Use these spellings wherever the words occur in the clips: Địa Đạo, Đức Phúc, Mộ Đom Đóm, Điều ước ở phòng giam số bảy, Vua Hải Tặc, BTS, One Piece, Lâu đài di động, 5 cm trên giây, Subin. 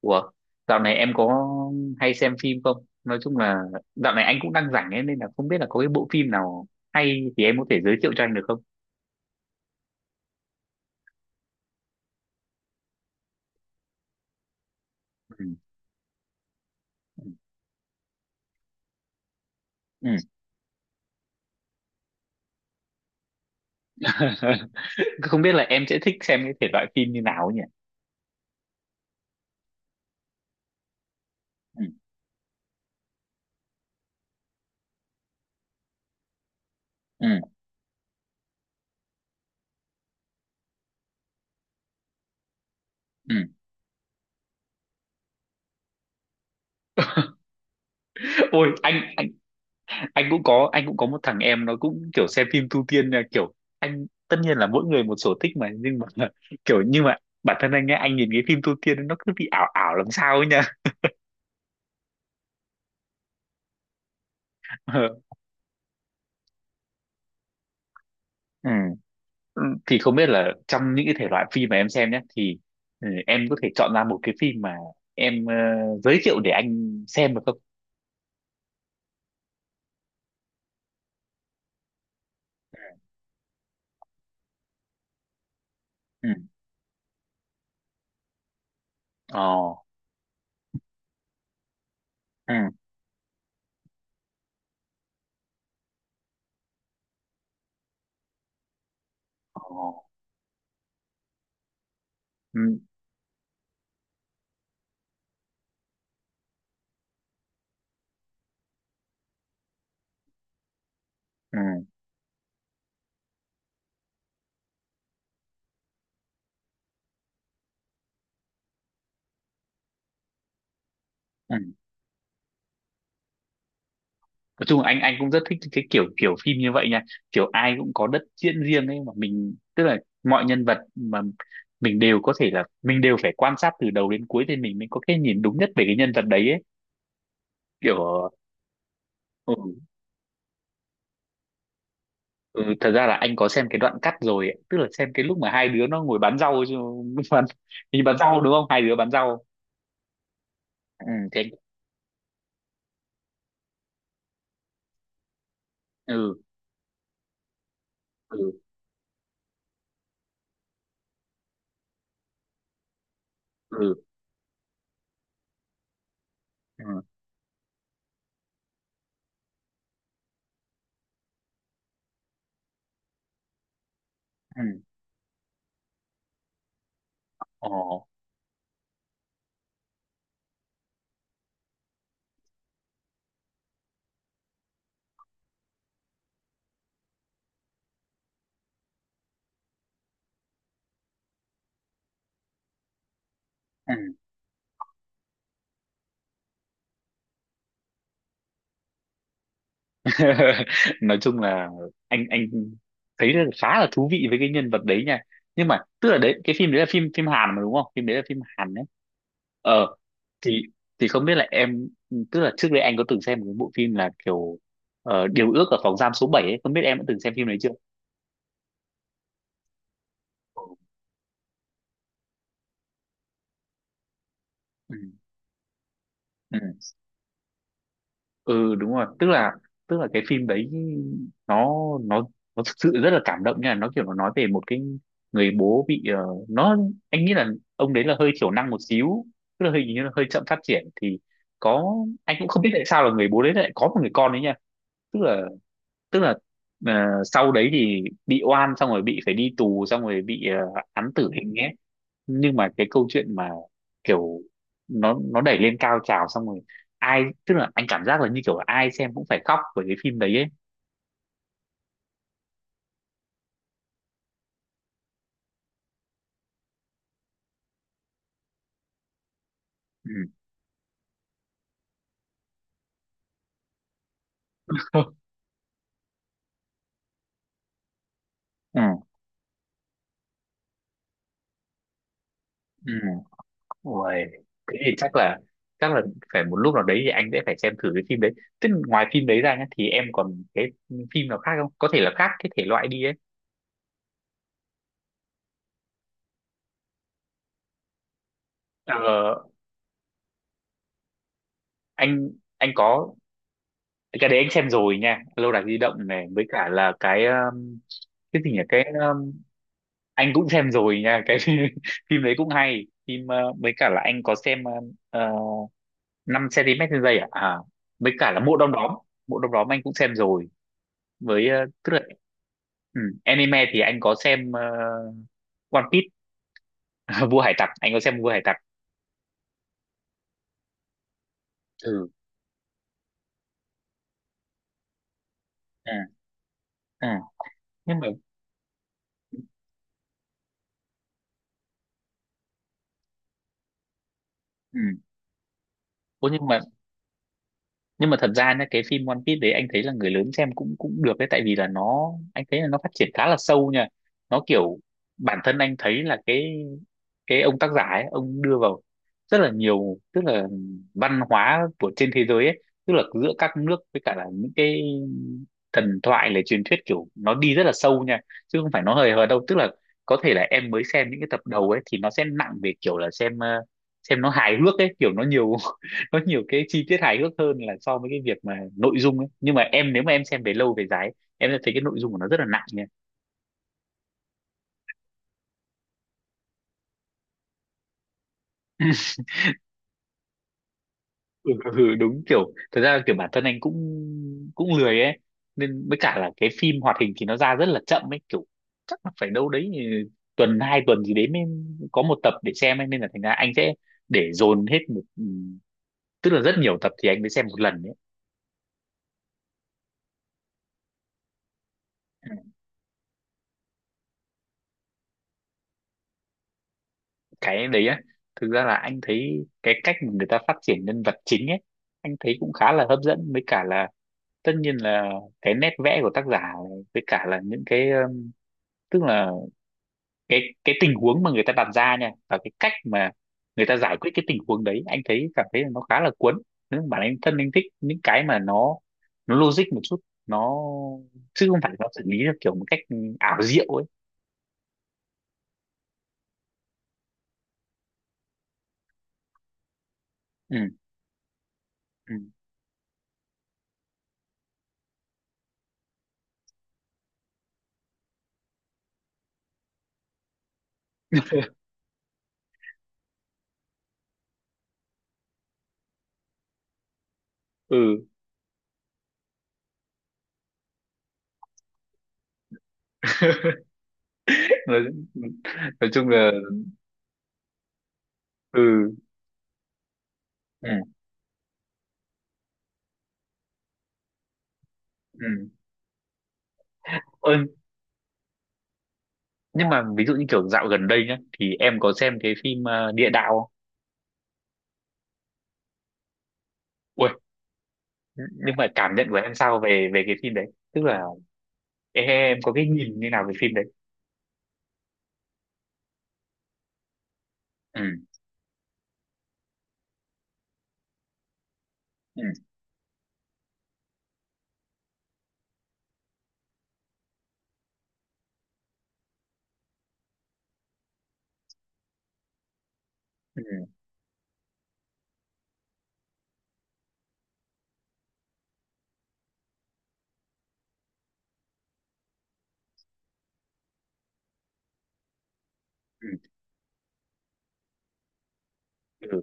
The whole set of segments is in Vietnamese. Ủa, dạo này em có hay xem phim không? Nói chung là dạo này anh cũng đang rảnh ấy, nên là không biết là có cái bộ phim nào hay thì em có thể giới thiệu cho anh được không? Ừ. Ừ. Không biết là em sẽ thích xem cái thể loại phim như nào ấy nhỉ? Ừ. Ừ. Ừ. Ôi anh cũng có anh cũng có một thằng em nó cũng kiểu xem phim tu tiên nha, kiểu anh tất nhiên là mỗi người một sở thích mà nhưng mà kiểu nhưng mà bản thân anh ấy anh nhìn cái phim tu tiên nó cứ bị ảo ảo làm sao ấy nha. Ừ. Thì không biết là trong những cái thể loại phim mà em xem nhé thì ừ, em có thể chọn ra một cái phim mà em giới thiệu để anh xem được không. Ừ. Ờ. Ừ. Ờ. Ừ. Ừ. Ừ. Nói chung là anh cũng rất thích cái kiểu kiểu phim như vậy nha, kiểu ai cũng có đất diễn riêng ấy mà mình tức là mọi nhân vật mà mình đều có thể là mình đều phải quan sát từ đầu đến cuối thì mình mới có cái nhìn đúng nhất về cái nhân vật đấy ấy, kiểu. Ừ, thật ra là anh có xem cái đoạn cắt rồi ấy. Tức là xem cái lúc mà hai đứa nó ngồi bán rau chứ, bán, thì bán rau đúng không, hai đứa bán rau. Ừ. Thế anh-. Ừ. Ừ. Ừ. Ừ. Ừ. Ồ. Ừ. Nói chung là anh thấy là khá là thú vị với cái nhân vật đấy nha, nhưng mà tức là đấy, cái phim đấy là phim phim Hàn mà đúng không, phim đấy là phim Hàn đấy. Ờ, thì không biết là em, tức là trước đây anh có từng xem một cái bộ phim là kiểu Điều ước ở phòng giam số bảy ấy không, biết em đã từng xem phim đấy chưa. Ừ. Ừ. Ừ, đúng rồi, tức là cái phim đấy nó nó nó thực sự rất là cảm động nha, nó kiểu nó nói về một cái người bố bị nó anh nghĩ là ông đấy là hơi thiểu năng một xíu, tức là hình như là hơi chậm phát triển thì có, anh cũng không biết tại sao là người bố đấy lại có một người con đấy nha. Tức là tức là ờ, sau đấy thì bị oan xong rồi bị phải đi tù xong rồi bị án tử hình nhé. Nhưng mà cái câu chuyện mà kiểu nó đẩy lên cao trào xong rồi ai, tức là anh cảm giác là như kiểu ai xem cũng phải khóc với cái phim đấy ấy. Ừ. Ừ. Ừ. Ôi, thế thì chắc là chắc là phải một lúc nào đấy thì anh sẽ phải xem thử cái phim đấy. Tức là ngoài phim đấy ra nhá, thì em còn cái phim nào khác không, có thể là khác cái thể loại đi ấy. Ờ, anh anh có, cái đấy anh xem rồi nha, lâu đài di động này với cả là cái gì nhỉ, cái anh cũng xem rồi nha, cái phim phim đấy cũng hay, phim ờ, với cả là anh có xem uh, 5 cm trên giây à? À, với cả là Mộ Đom Đóm, Mộ Đom Đóm anh cũng xem rồi. Với ờ, tức là ừ, anime thì anh có xem One Piece, Vua Hải Tặc, anh có xem Vua Hải Tặc. Ừ. À. À. Nhưng mà ừ. Ủa, nhưng mà thật ra nhá, cái phim One Piece đấy anh thấy là người lớn xem cũng cũng được đấy, tại vì là nó, anh thấy là nó phát triển khá là sâu nha, nó kiểu bản thân anh thấy là cái ông tác giả ấy, ông đưa vào rất là nhiều, tức là văn hóa của trên thế giới ấy, tức là giữa các nước với cả là những cái thần thoại là truyền thuyết, kiểu nó đi rất là sâu nha, chứ không phải nó hời hợt đâu, tức là có thể là em mới xem những cái tập đầu ấy thì nó sẽ nặng về kiểu là xem xem nó hài hước ấy, kiểu nó nhiều nó nhiều cái chi tiết hài hước hơn là so với cái việc mà nội dung ấy, nhưng mà em, nếu mà em xem về lâu về dài ấy, em sẽ thấy cái nội dung của nó rất là nặng nha. Ừ, ừ, đúng, kiểu thật ra kiểu bản thân anh cũng cũng lười ấy, nên với cả là cái phim hoạt hình thì nó ra rất là chậm ấy, kiểu chắc là phải đâu đấy ừ, tuần hai tuần gì đấy mới có một tập để xem ấy. Nên là thành ra anh sẽ để dồn hết một ừ, tức là rất nhiều tập thì anh mới xem một lần ấy. Cái đấy á, thực ra là anh thấy cái cách mà người ta phát triển nhân vật chính ấy, anh thấy cũng khá là hấp dẫn với cả là tất nhiên là cái nét vẽ của tác giả này, với cả là những cái tức là cái tình huống mà người ta đặt ra nha và cái cách mà người ta giải quyết cái tình huống đấy, anh thấy cảm thấy là nó khá là cuốn. Nếu mà bản thân anh thích những cái mà nó logic một chút, nó chứ không phải nó xử lý theo kiểu một cách ảo diệu ấy. Ừ. Ừ. Ừ. nói, nói chung là. Ừ. Ừ. Ừ. Ơ, nhưng mà ví dụ như kiểu dạo gần đây nhá thì em có xem cái phim Địa Đạo không? Ui, nhưng mà cảm nhận của em sao về về cái phim đấy? Tức là em có cái nhìn như nào về phim đấy? Ừ. Ừ. Ừ. Ừ. Ừ.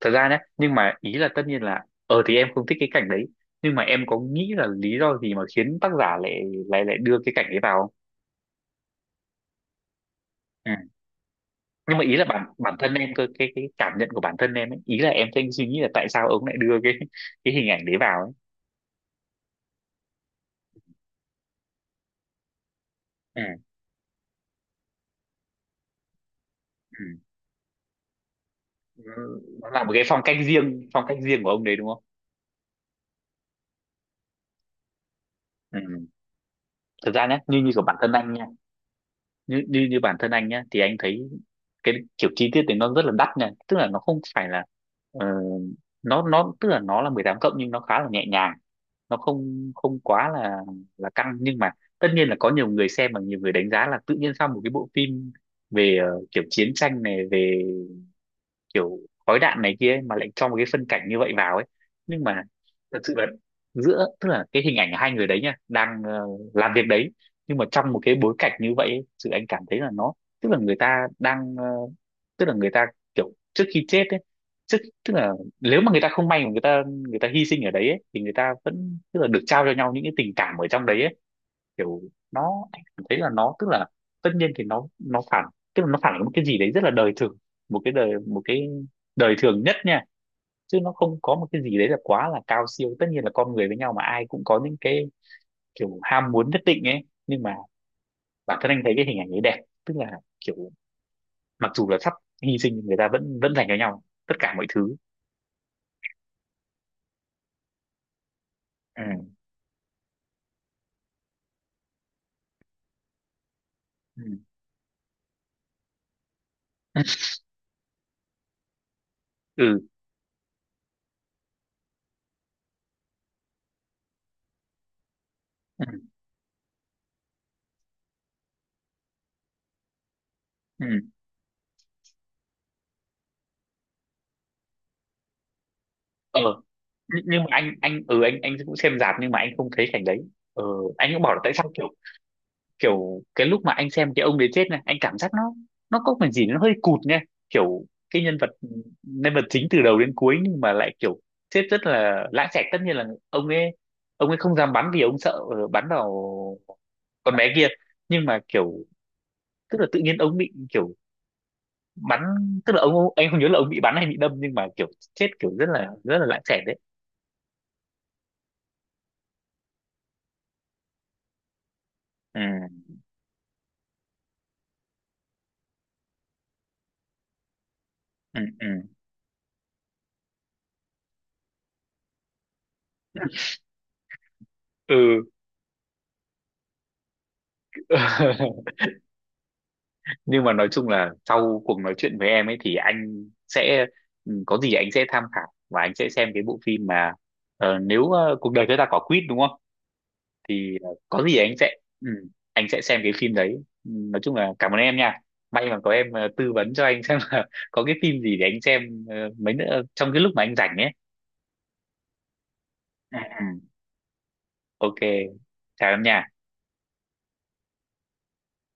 Thật ra nhé, nhưng mà ý là tất nhiên là ờ thì em không thích cái cảnh đấy, nhưng mà em có nghĩ là lý do gì mà khiến tác giả lại lại lại đưa cái cảnh ấy vào không. Ừ. Nhưng mà ý là bản bản thân em cơ, cái cảm nhận của bản thân em ấy, ý là em đang suy nghĩ là tại sao ông lại đưa cái cái hình ảnh đấy vào ấy. Ừ. Ừ. Ừ. Nó là một cái phong cách riêng của ông đấy đúng không. Ừ. Thật ra nhé, như như của bản thân anh nha, như như như bản thân anh nhá thì anh thấy cái kiểu chi tiết thì nó rất là đắt nha, tức là nó không phải là ờ, nó tức là nó là 18 cộng nhưng nó khá là nhẹ nhàng, nó không không quá là căng, nhưng mà tất nhiên là có nhiều người xem và nhiều người đánh giá là tự nhiên sao một cái bộ phim về kiểu chiến tranh này về kiểu khói đạn này kia ấy, mà lại cho một cái phân cảnh như vậy vào ấy. Nhưng mà thật sự là giữa tức là cái hình ảnh hai người đấy nha đang làm việc đấy, nhưng mà trong một cái bối cảnh như vậy ấy, sự anh cảm thấy là nó tức là người ta đang tức là người ta kiểu trước khi chết ấy trước, tức là nếu mà người ta không may mà người ta hy sinh ở đấy ấy, thì người ta vẫn tức là được trao cho nhau những cái tình cảm ở trong đấy ấy, kiểu nó em cảm thấy là nó tức là tất nhiên thì nó phản, tức là nó phản ánh một cái gì đấy rất là đời thường, một cái đời thường nhất nha, chứ nó không có một cái gì đấy là quá là cao siêu, tất nhiên là con người với nhau mà ai cũng có những cái kiểu ham muốn nhất định ấy, nhưng mà bản thân anh thấy cái hình ảnh ấy đẹp, tức là kiểu mặc dù là sắp hy sinh, người ta vẫn vẫn dành cho nhau tất cả mọi thứ. Ừ. Ừ. Ừ. Ừ, ừ. Ờ. Nh- nhưng mà anh ừ anh cũng xem rạp, nhưng mà anh không thấy cảnh đấy. Ờ, anh cũng bảo là tại sao kiểu, kiểu cái lúc mà anh xem cái ông đấy chết này, anh cảm giác nó có phần gì nó hơi cụt nha, kiểu cái nhân vật chính từ đầu đến cuối nhưng mà lại kiểu chết rất là lãng xẹt, tất nhiên là ông ấy ông ấy không dám bắn vì ông sợ bắn vào con bé kia, nhưng mà kiểu tức là tự nhiên ông bị kiểu bắn, tức là ông anh không nhớ là ông bị bắn hay bị đâm, nhưng mà kiểu chết kiểu rất là lãng xẹt đấy. Ừ. Ừ. Ừ. Ừ. Nhưng mà nói chung là sau cuộc nói chuyện với em ấy thì anh sẽ ừ, có gì anh sẽ tham khảo và anh sẽ xem cái bộ phim mà nếu cuộc đời chúng ta có quýt đúng không, thì có gì anh sẽ ừ, anh sẽ xem cái phim đấy. Ừ, nói chung là cảm ơn em nha, may mà có em tư vấn cho anh xem là có cái phim gì để anh xem mấy nữa trong cái lúc mà anh rảnh ấy. Ừ, ừ. Ok, chào em nha.